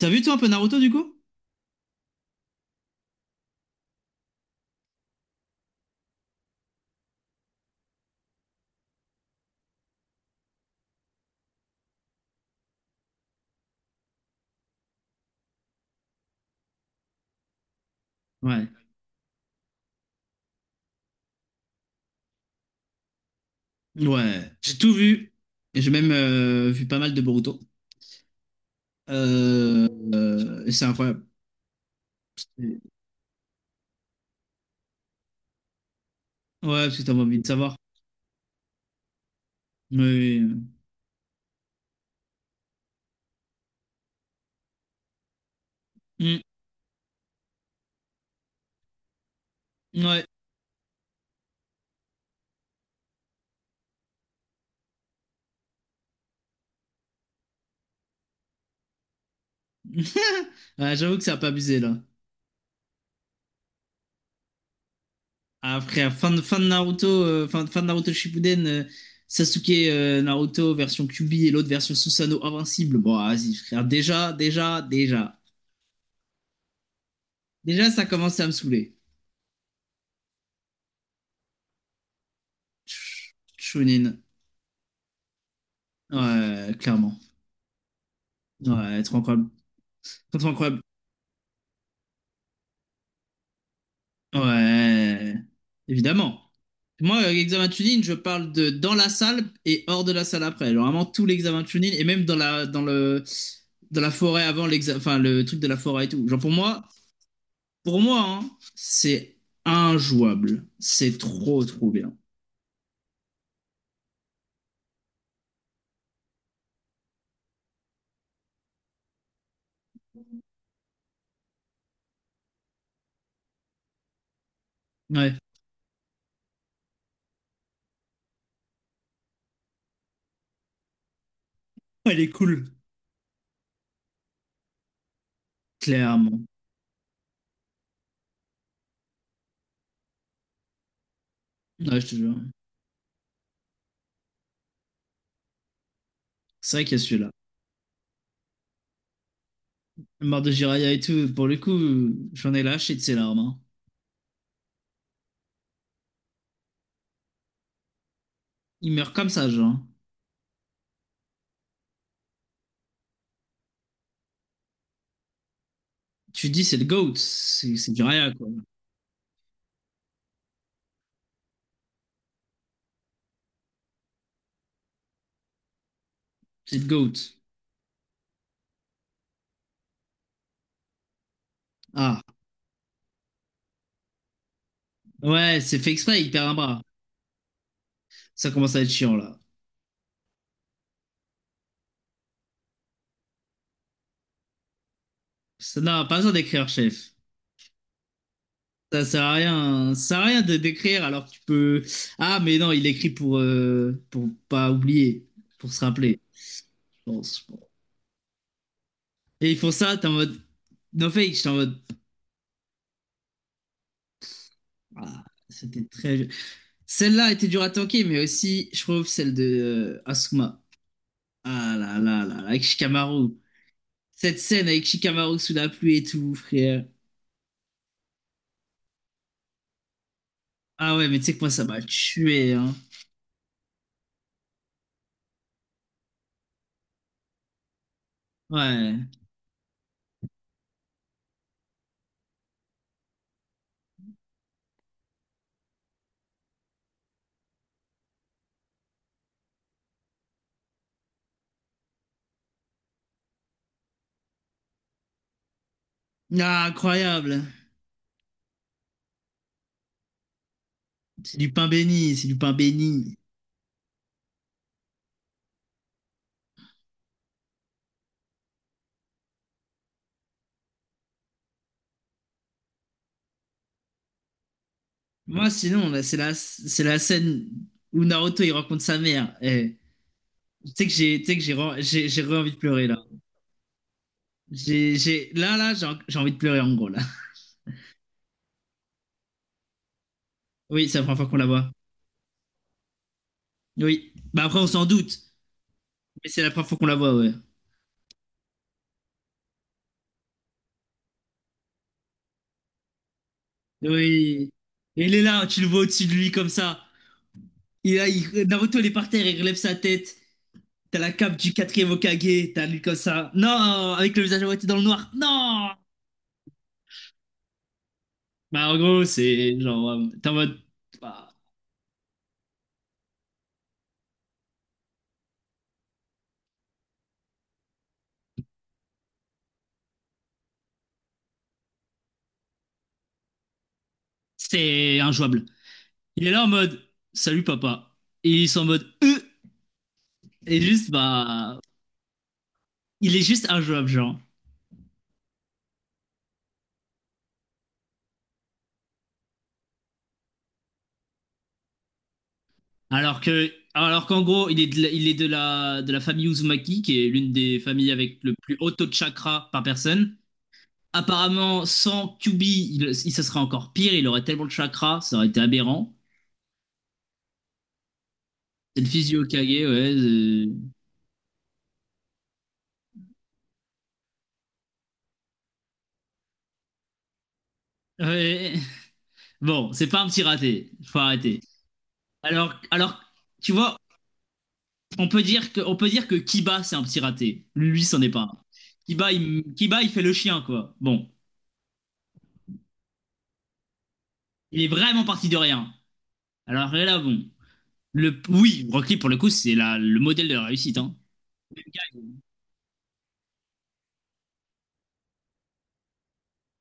T'as vu toi un peu Naruto du coup? Ouais. Ouais, j'ai tout vu. Et j'ai même vu pas mal de Boruto. Euh, et c'est incroyable. Ouais, parce que t'as envie de savoir. Mais, mm, ouais. Ouais, j'avoue que ça a pas abusé là. Après, fin de Naruto, fin de Naruto Shippuden, Sasuke Naruto version Kyuubi et l'autre version Susanoo invincible. Bon, vas-y, frère. Déjà, déjà, déjà. Déjà, ça commençait à me saouler. Chunin. Ouais, clairement. Ouais, trop incroyable. Trop, incroyable. Ouais, évidemment. Moi, examen Chunin, je parle de dans la salle et hors de la salle après. Genre, vraiment tout l'examen Chunin et même dans la forêt avant l'examen, enfin, le truc de la forêt et tout. Genre, pour moi, hein, c'est injouable. C'est trop, trop bien. Ouais. Elle est cool. Clairement. Ouais, je te jure. C'est vrai qu'il y a celui-là. Mort de Jiraya et tout, pour le coup, j'en ai lâché de ses larmes. Hein. Il meurt comme ça, genre. Tu dis c'est le GOAT, c'est du rien quoi. C'est le GOAT. Ah, ouais, c'est fait exprès, il perd un bras. Ça commence à être chiant, là. Ça n'a pas besoin d'écrire, chef. Ça sert à rien de d'écrire alors que tu peux. Ah, mais non, il écrit pour pas oublier, pour se rappeler, je pense. Et ils font ça, t'es en mode. No fake, j'étais en mode. Ah, c'était très. Celle-là était dure à tanker, mais aussi, je trouve, celle de Asuma. Ah là là là, là, avec Shikamaru. Cette scène avec Shikamaru sous la pluie et tout, frère. Ah ouais, mais tu sais que moi, ça m'a tué, hein. Ouais. Ah, incroyable. C'est du pain béni, c'est du pain béni. Moi, sinon, là, c'est la scène où Naruto, il rencontre sa mère. Eh, tu sais que j'ai, envie de pleurer, là. J'ai, là, là, j'ai, en- j'ai envie de pleurer, en gros, là. Oui, c'est la première fois qu'on la voit. Oui. Bah après, on s'en doute. Mais c'est la première fois qu'on la voit, ouais. Oui. Et il est là, tu le vois au-dessus de lui, comme ça. Naruto, il est par terre, il relève sa tête. T'as la cape du quatrième Hokage, t'as lui comme ça. Non, avec le visage à moitié dans le noir. Non! Bah, en gros, c'est genre, t'es en mode, bah, c'est injouable. Il est là en mode, salut papa. Et ils sont en mode, et juste, bah, il est juste injouable, genre. Alors qu'en gros, il est de la famille Uzumaki, qui est l'une des familles avec le plus haut taux de chakra par personne. Apparemment, sans QB, ça serait encore pire. Il aurait tellement de chakras, ça aurait été aberrant. C'est le fils du Hokage, ouais. Ouais. Bon, c'est pas un petit raté. Faut arrêter. Alors, tu vois, on peut dire que Kiba, c'est un petit raté. Lui, c'en est pas un. Kiba, il fait le chien, quoi. Bon, il est vraiment parti de rien. Alors et là, bon. Oui, Rock Lee, pour le coup, c'est le modèle de la réussite, hein.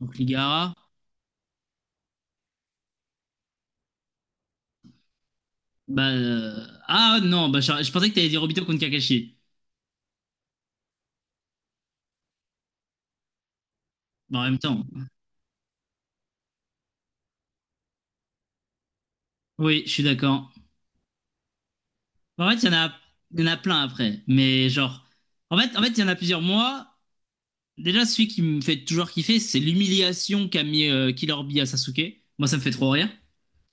Donc, Ligara, bah. Ah non, bah, je pensais que t'allais dire Obito contre Kakashi. Mais en même temps, oui, je suis d'accord. En fait, il y en a plein après. Mais genre, en fait, il y en a plusieurs mois. Déjà, celui qui me fait toujours kiffer, c'est l'humiliation qu'a mis Killer Bee à Sasuke. Moi, ça me fait trop rire.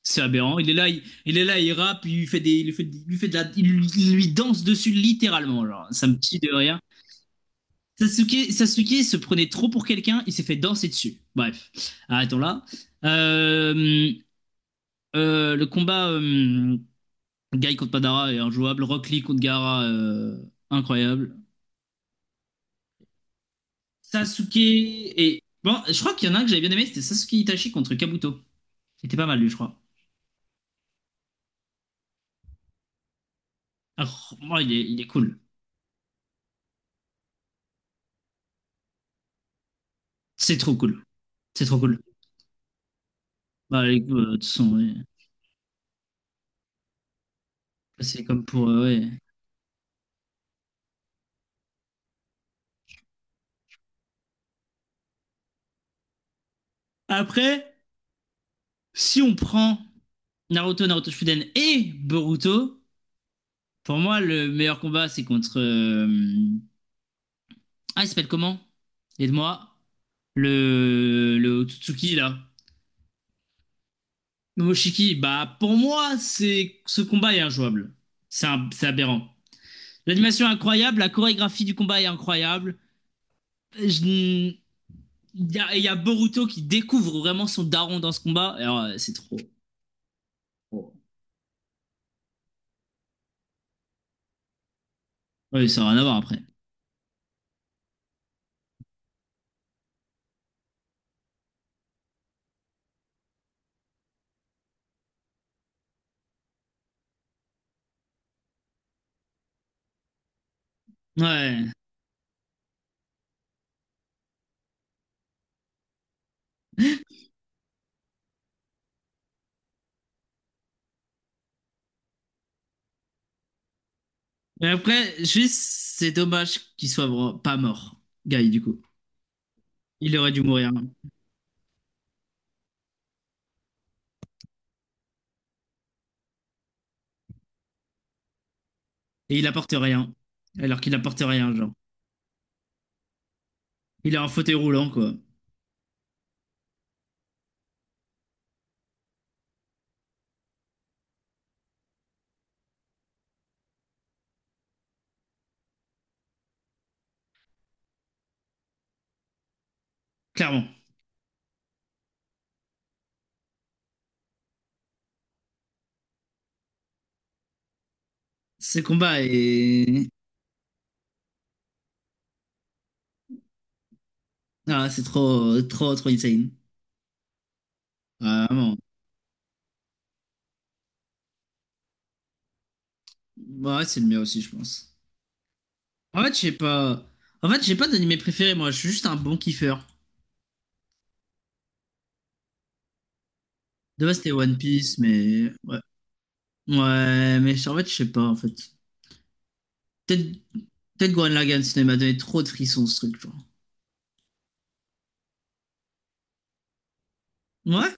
C'est aberrant. Il est là, il rappe, il lui fait des, il lui fait de la, il lui danse dessus littéralement. Genre, ça me tue de rire. Sasuke se prenait trop pour quelqu'un, il s'est fait danser dessus. Bref, arrêtons là. Euh, le combat. Guy contre Madara est injouable. Rock Lee contre Gara, incroyable. Sasuke et. Bon, je crois qu'il y en a un que j'avais bien aimé, c'était Sasuke Itachi contre Kabuto. C'était pas mal, lui, je crois. Alors, moi, il est cool. C'est trop cool. C'est trop cool. Bah, les coups, de toute façon, ouais. C'est comme pour. Ouais. Après, si on prend Naruto, Naruto Shippuden et Boruto, pour moi, le meilleur combat, c'est contre. Ah, il s'appelle comment? Aide-moi. Le Otsutsuki, là. Momoshiki, bah pour moi, c'est ce combat est injouable. C'est aberrant. L'animation est incroyable, la chorégraphie du combat est incroyable. Je- il y a Boruto qui découvre vraiment son daron dans ce combat. Et alors, c'est trop. Trop. Oui, ça n'a rien à voir après. Ouais. Mais après, juste, c'est dommage qu'il soit pas mort, Guy, du coup. Il aurait dû mourir. Et il apporte rien. Alors qu'il apporte rien, genre. Il est en fauteuil roulant, quoi. Clairement. Ce combat est... Ah, c'est trop, trop, trop insane. Ah, vraiment. Bah, ouais, c'est le mien aussi, je pense. En fait, j'ai pas. En fait, j'ai pas d'animé préféré, moi. Je suis juste un bon kiffeur. De base, c'était One Piece, mais. Ouais. Ouais, mais en fait, je sais pas, en fait. Peut-être peut-être Gurren Lagann, sinon il m'a donné trop de frissons, ce truc, genre. Ouais?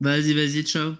Vas-y, vas-y, ciao.